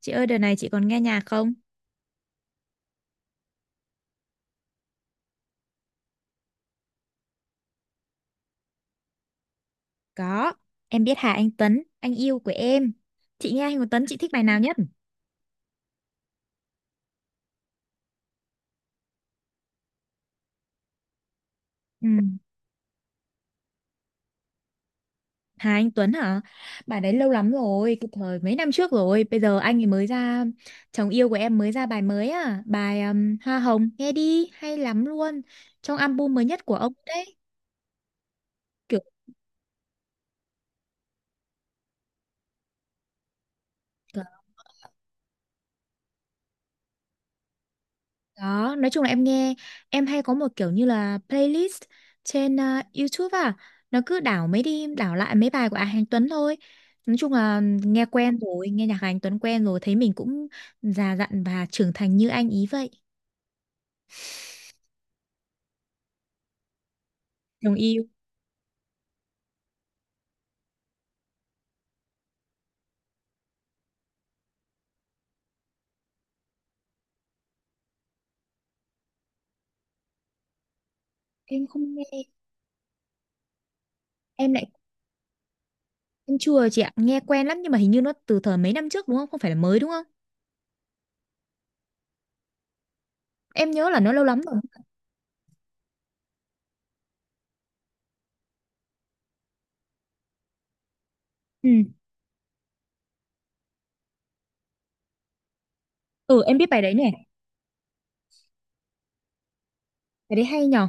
Chị ơi, đợt này chị còn nghe nhạc không? Có, em biết Hà Anh Tuấn, anh yêu của em. Chị nghe Hà Anh Tuấn, chị thích bài nào nhất? Ừ. Hà Anh Tuấn hả? Bài đấy lâu lắm rồi, cái thời mấy năm trước rồi. Bây giờ anh ấy mới ra, chồng yêu của em mới ra bài mới à. Bài Hoa Hồng, nghe đi, hay lắm luôn. Trong album mới nhất của ông đấy. Kiểu. Đó, nói chung là em nghe, em hay có một kiểu như là playlist trên YouTube nó cứ đảo lại mấy bài của Hà Anh Tuấn thôi. Nói chung là nghe quen rồi, nghe nhạc Hà Anh Tuấn quen rồi, thấy mình cũng già dặn và trưởng thành như anh ý vậy. Đồng yêu. Em không nghe, em lại em chưa chị ạ, nghe quen lắm nhưng mà hình như nó từ thời mấy năm trước đúng không? Không phải là mới đúng không? Em nhớ là nó lâu lắm rồi. Ừ, ừ em biết bài đấy nè, bài đấy hay nhở.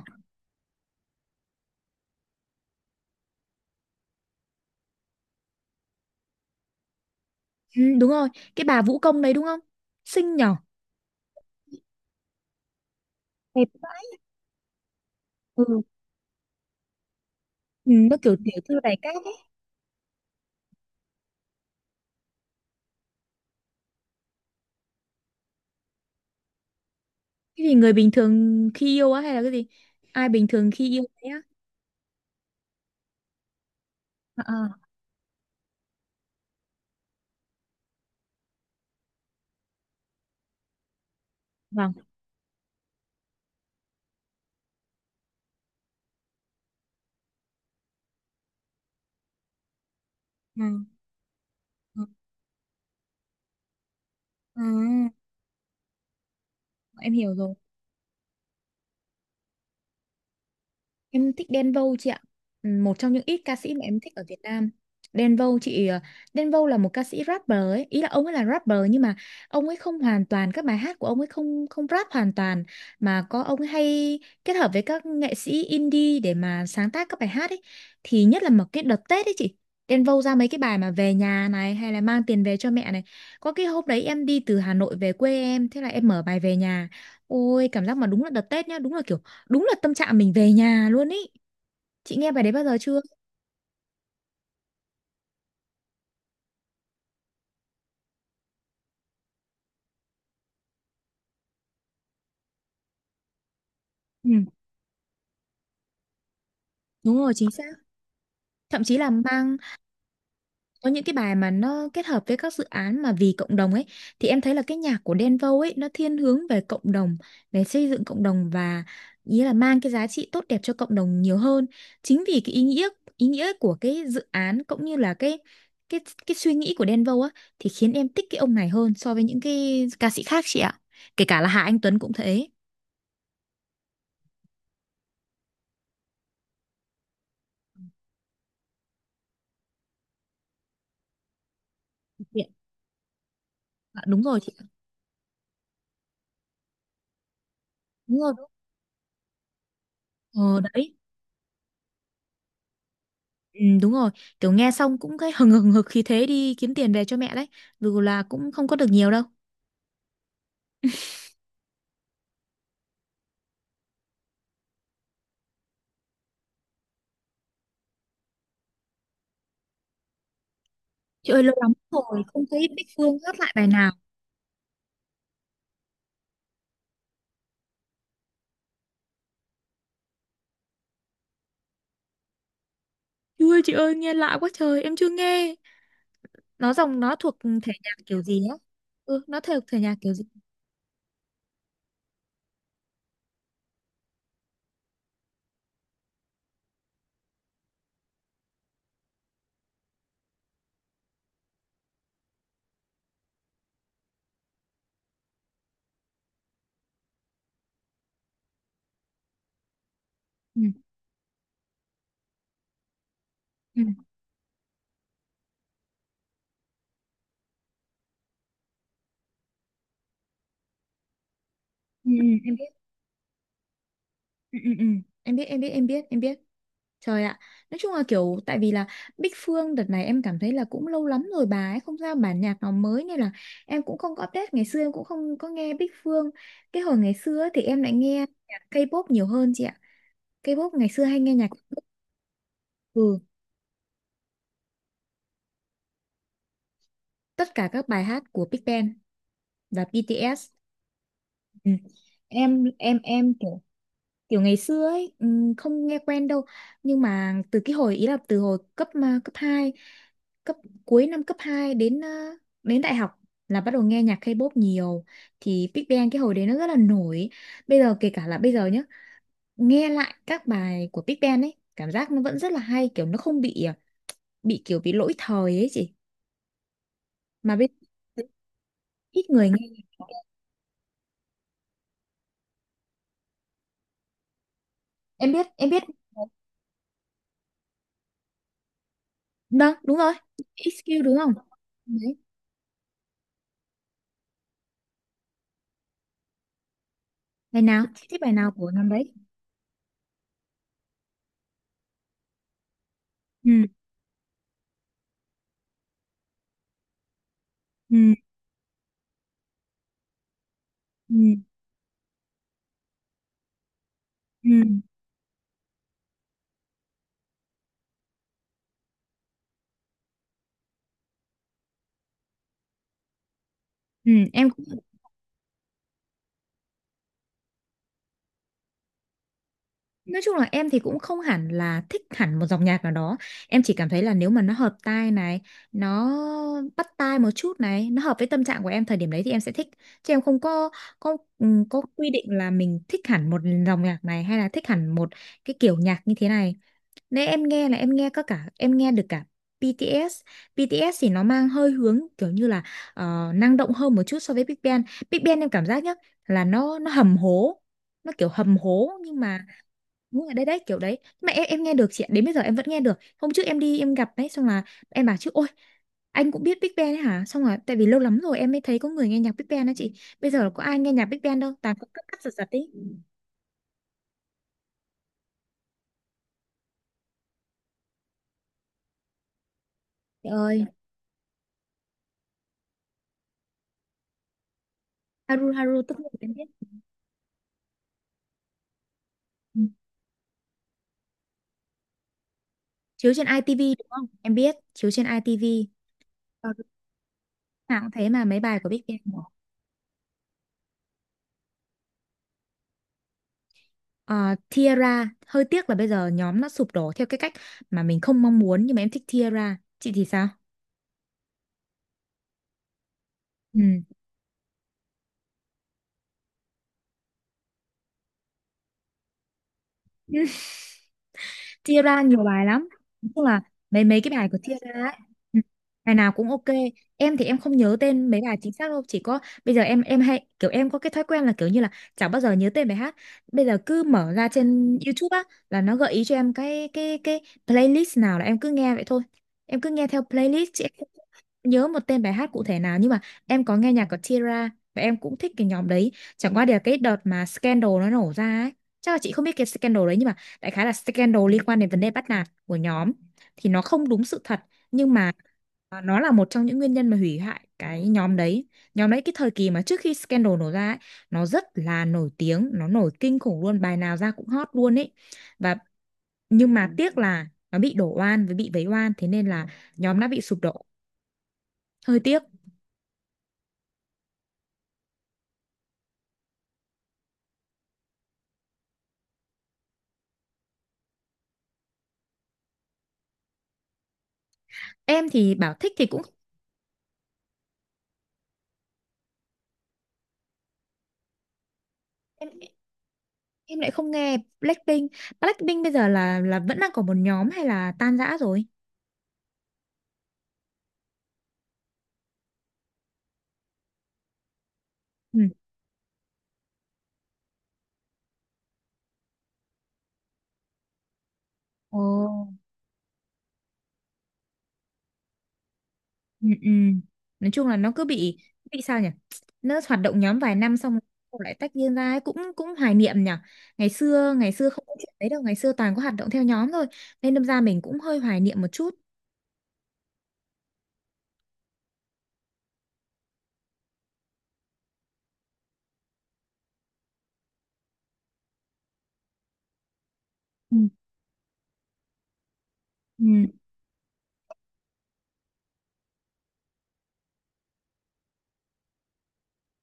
Ừ, đúng rồi, cái bà vũ công đấy đúng không? Xinh nhở. Đẹp quá. Ừ. Ừ, nó kiểu tiểu thư đại cát ấy. Cái gì người bình thường khi yêu á hay là cái gì? Ai bình thường khi yêu thế á? À, à. Vâng. À, à, à, em hiểu rồi. Em thích Đen Vâu chị ạ. Ừ, một trong những ít ca sĩ mà em thích ở Việt Nam. Đen Vâu chị Đen Vâu là một ca sĩ rapper ấy, ý là ông ấy là rapper nhưng mà ông ấy không hoàn toàn, các bài hát của ông ấy không không rap hoàn toàn mà có ông ấy hay kết hợp với các nghệ sĩ indie để mà sáng tác các bài hát ấy. Thì nhất là một cái đợt Tết ấy chị. Đen Vâu ra mấy cái bài mà về nhà này hay là mang tiền về cho mẹ này. Có cái hôm đấy em đi từ Hà Nội về quê em, thế là em mở bài về nhà. Ôi cảm giác mà đúng là đợt Tết nhá, đúng là kiểu đúng là tâm trạng mình về nhà luôn ý, chị nghe bài đấy bao giờ chưa? Ừ, đúng rồi, chính xác. Thậm chí là mang, có những cái bài mà nó kết hợp với các dự án mà vì cộng đồng ấy, thì em thấy là cái nhạc của Đen Vâu ấy nó thiên hướng về cộng đồng, về xây dựng cộng đồng và ý là mang cái giá trị tốt đẹp cho cộng đồng nhiều hơn. Chính vì cái ý nghĩa của cái dự án cũng như là cái cái suy nghĩ của Đen Vâu á, thì khiến em thích cái ông này hơn so với những cái ca sĩ khác chị ạ, kể cả là Hà Anh Tuấn cũng thế. Chị. À, đúng rồi chị ạ. Đúng rồi. Ờ đấy, ừ, đúng rồi, kiểu nghe xong cũng thấy hừng hừng hực khí thế đi kiếm tiền về cho mẹ đấy, dù là cũng không có được nhiều đâu. Chị ơi lâu lắm rồi không thấy Bích Phương hát lại bài nào. Chú chị ơi nghe lạ quá trời, em chưa nghe. Nó dòng nó thuộc thể nhạc kiểu gì á? Ừ, nó thuộc thể nhạc kiểu gì? Ừ, ừ, ừ, ừ, em biết. Ừ, ừ, ừ. Em biết, em biết, em biết, em biết. Trời ạ, nói chung là kiểu tại vì là Bích Phương đợt này em cảm thấy là cũng lâu lắm rồi bà ấy không ra bản nhạc nào mới, nên là em cũng không có update, ngày xưa em cũng không có nghe Bích Phương. Cái hồi ngày xưa ấy thì em lại nghe nhạc K-pop nhiều hơn chị ạ. K-pop ngày xưa hay nghe nhạc, ừ, tất cả các bài hát của Big Bang và BTS. Ừ. Em kiểu kiểu ngày xưa ấy không nghe quen đâu nhưng mà từ cái hồi ý là từ hồi cấp hai, cấp cuối năm cấp 2 đến đến đại học là bắt đầu nghe nhạc K-pop nhiều, thì Big Bang cái hồi đấy nó rất là nổi, bây giờ kể cả là bây giờ nhá, nghe lại các bài của Big Bang ấy cảm giác nó vẫn rất là hay, kiểu nó không bị à, bị kiểu bị lỗi thời ấy chị, mà bây giờ ít người nghe. Em biết, vâng đúng rồi. XQ đúng không? Đấy, bài nào chị thích, bài nào của năm đấy? Ừ, ừ. Ừ, ừ, ừ, em cũng, nói chung là em thì cũng không hẳn là thích hẳn một dòng nhạc nào đó. Em chỉ cảm thấy là nếu mà nó hợp tai này, nó bắt tai một chút này, nó hợp với tâm trạng của em thời điểm đấy thì em sẽ thích. Chứ em không có, có quy định là mình thích hẳn một dòng nhạc này hay là thích hẳn một cái kiểu nhạc như thế này. Nên em nghe là em nghe có cả, em nghe được cả BTS. BTS thì nó mang hơi hướng kiểu như là năng động hơn một chút so với Big Bang. Big Bang em cảm giác nhá là nó hầm hố, nó kiểu hầm hố nhưng mà, đúng rồi, đấy đấy kiểu đấy. Nhưng mà em nghe được chị ạ, đến bây giờ em vẫn nghe được, hôm trước em đi em gặp đấy xong là em bảo chứ ôi anh cũng biết Big Bang ấy hả, xong rồi tại vì lâu lắm rồi em mới thấy có người nghe nhạc Big Bang đó chị, bây giờ có ai nghe nhạc Big Bang đâu toàn cũng cắt cắt giật giật ý. Trời ơi, Haru Haru tất nhiên là em biết. Ừ. Chiếu trên ITV đúng không, em biết chiếu trên ITV nào cũng thế mà, mấy bài của Big Bang mà. Ờ, Tiara hơi tiếc là bây giờ nhóm nó sụp đổ theo cái cách mà mình không mong muốn, nhưng mà em thích Tiara, chị thì sao? Ừ. Tiara nhiều bài lắm, nói chung là mấy mấy cái bài của Tiara ấy, ừ, bài nào cũng ok. Em thì em không nhớ tên mấy bài chính xác đâu, chỉ có bây giờ em hay kiểu em có cái thói quen là kiểu như là chẳng bao giờ nhớ tên bài hát, bây giờ cứ mở ra trên YouTube á là nó gợi ý cho em cái playlist nào là em cứ nghe vậy thôi, em cứ nghe theo playlist chứ nhớ một tên bài hát cụ thể nào. Nhưng mà em có nghe nhạc của Tira và em cũng thích cái nhóm đấy, chẳng qua thì là cái đợt mà scandal nó nổ ra ấy, chắc là chị không biết cái scandal đấy, nhưng mà đại khái là scandal liên quan đến vấn đề bắt nạt của nhóm, thì nó không đúng sự thật, nhưng mà nó là một trong những nguyên nhân mà hủy hoại cái nhóm đấy. Nhóm đấy cái thời kỳ mà trước khi scandal nổ ra ấy, nó rất là nổi tiếng, nó nổi kinh khủng luôn, bài nào ra cũng hot luôn ấy. Và nhưng mà tiếc là nó bị đổ oan với bị vấy oan, thế nên là nhóm đã bị sụp đổ, hơi tiếc. Em thì bảo thích thì cũng, em, em lại không nghe Blackpink. Blackpink bây giờ là vẫn đang có một nhóm hay là tan rã rồi? Ừ. Ồ. Ừ, ừ. Nói chung là nó cứ bị sao nhỉ, nó hoạt động nhóm vài năm xong rồi lại tách riêng ra ấy. Cũng cũng hoài niệm nhỉ, ngày xưa không có chuyện đấy đâu, ngày xưa toàn có hoạt động theo nhóm thôi, nên đâm ra mình cũng hơi hoài niệm một chút. Ừ. Ừ.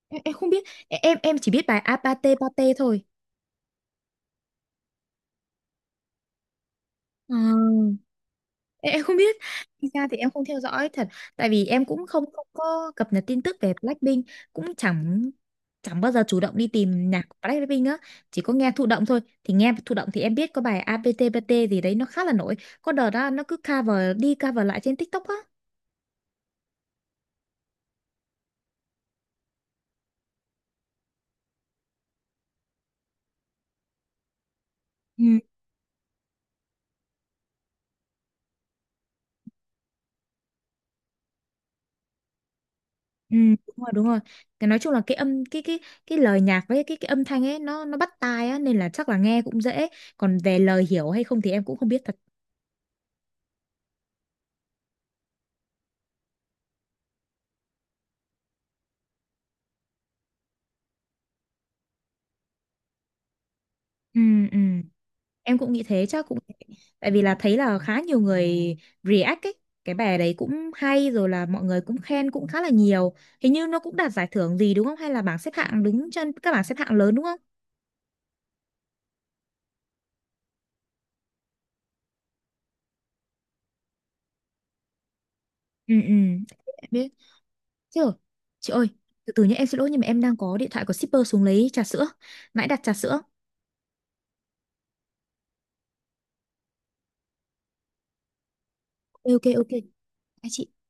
Em không biết, em chỉ biết bài Apate Pate thôi. Ờ. Em không biết. Thực ra thì em không theo dõi thật, tại vì em cũng không, không có cập nhật tin tức về Blackpink, cũng chẳng chẳng bao giờ chủ động đi tìm nhạc của Blackpink á, chỉ có nghe thụ động thôi. Thì nghe thụ động thì em biết có bài APTPT gì đấy nó khá là nổi, có đợt đó nó cứ cover đi cover lại trên TikTok á. Ừ, ừ, đúng rồi đúng rồi, cái nói chung là cái âm cái cái lời nhạc với cái âm thanh ấy nó bắt tai á, nên là chắc là nghe cũng dễ, còn về lời hiểu hay không thì em cũng không biết thật. ừ ừ Em cũng nghĩ thế, chắc cũng tại vì là thấy là khá nhiều người react ấy. Cái bài đấy cũng hay rồi, là mọi người cũng khen cũng khá là nhiều. Hình như nó cũng đạt giải thưởng gì đúng không? Hay là bảng xếp hạng đứng trên các bảng xếp hạng lớn đúng không? Ừ ừ. Em biết. Chứ rồi. Chị ơi, từ từ nhé, em xin lỗi nhưng mà em đang có điện thoại của shipper xuống lấy trà sữa. Nãy đặt trà sữa. Ok ok ok. Hai chị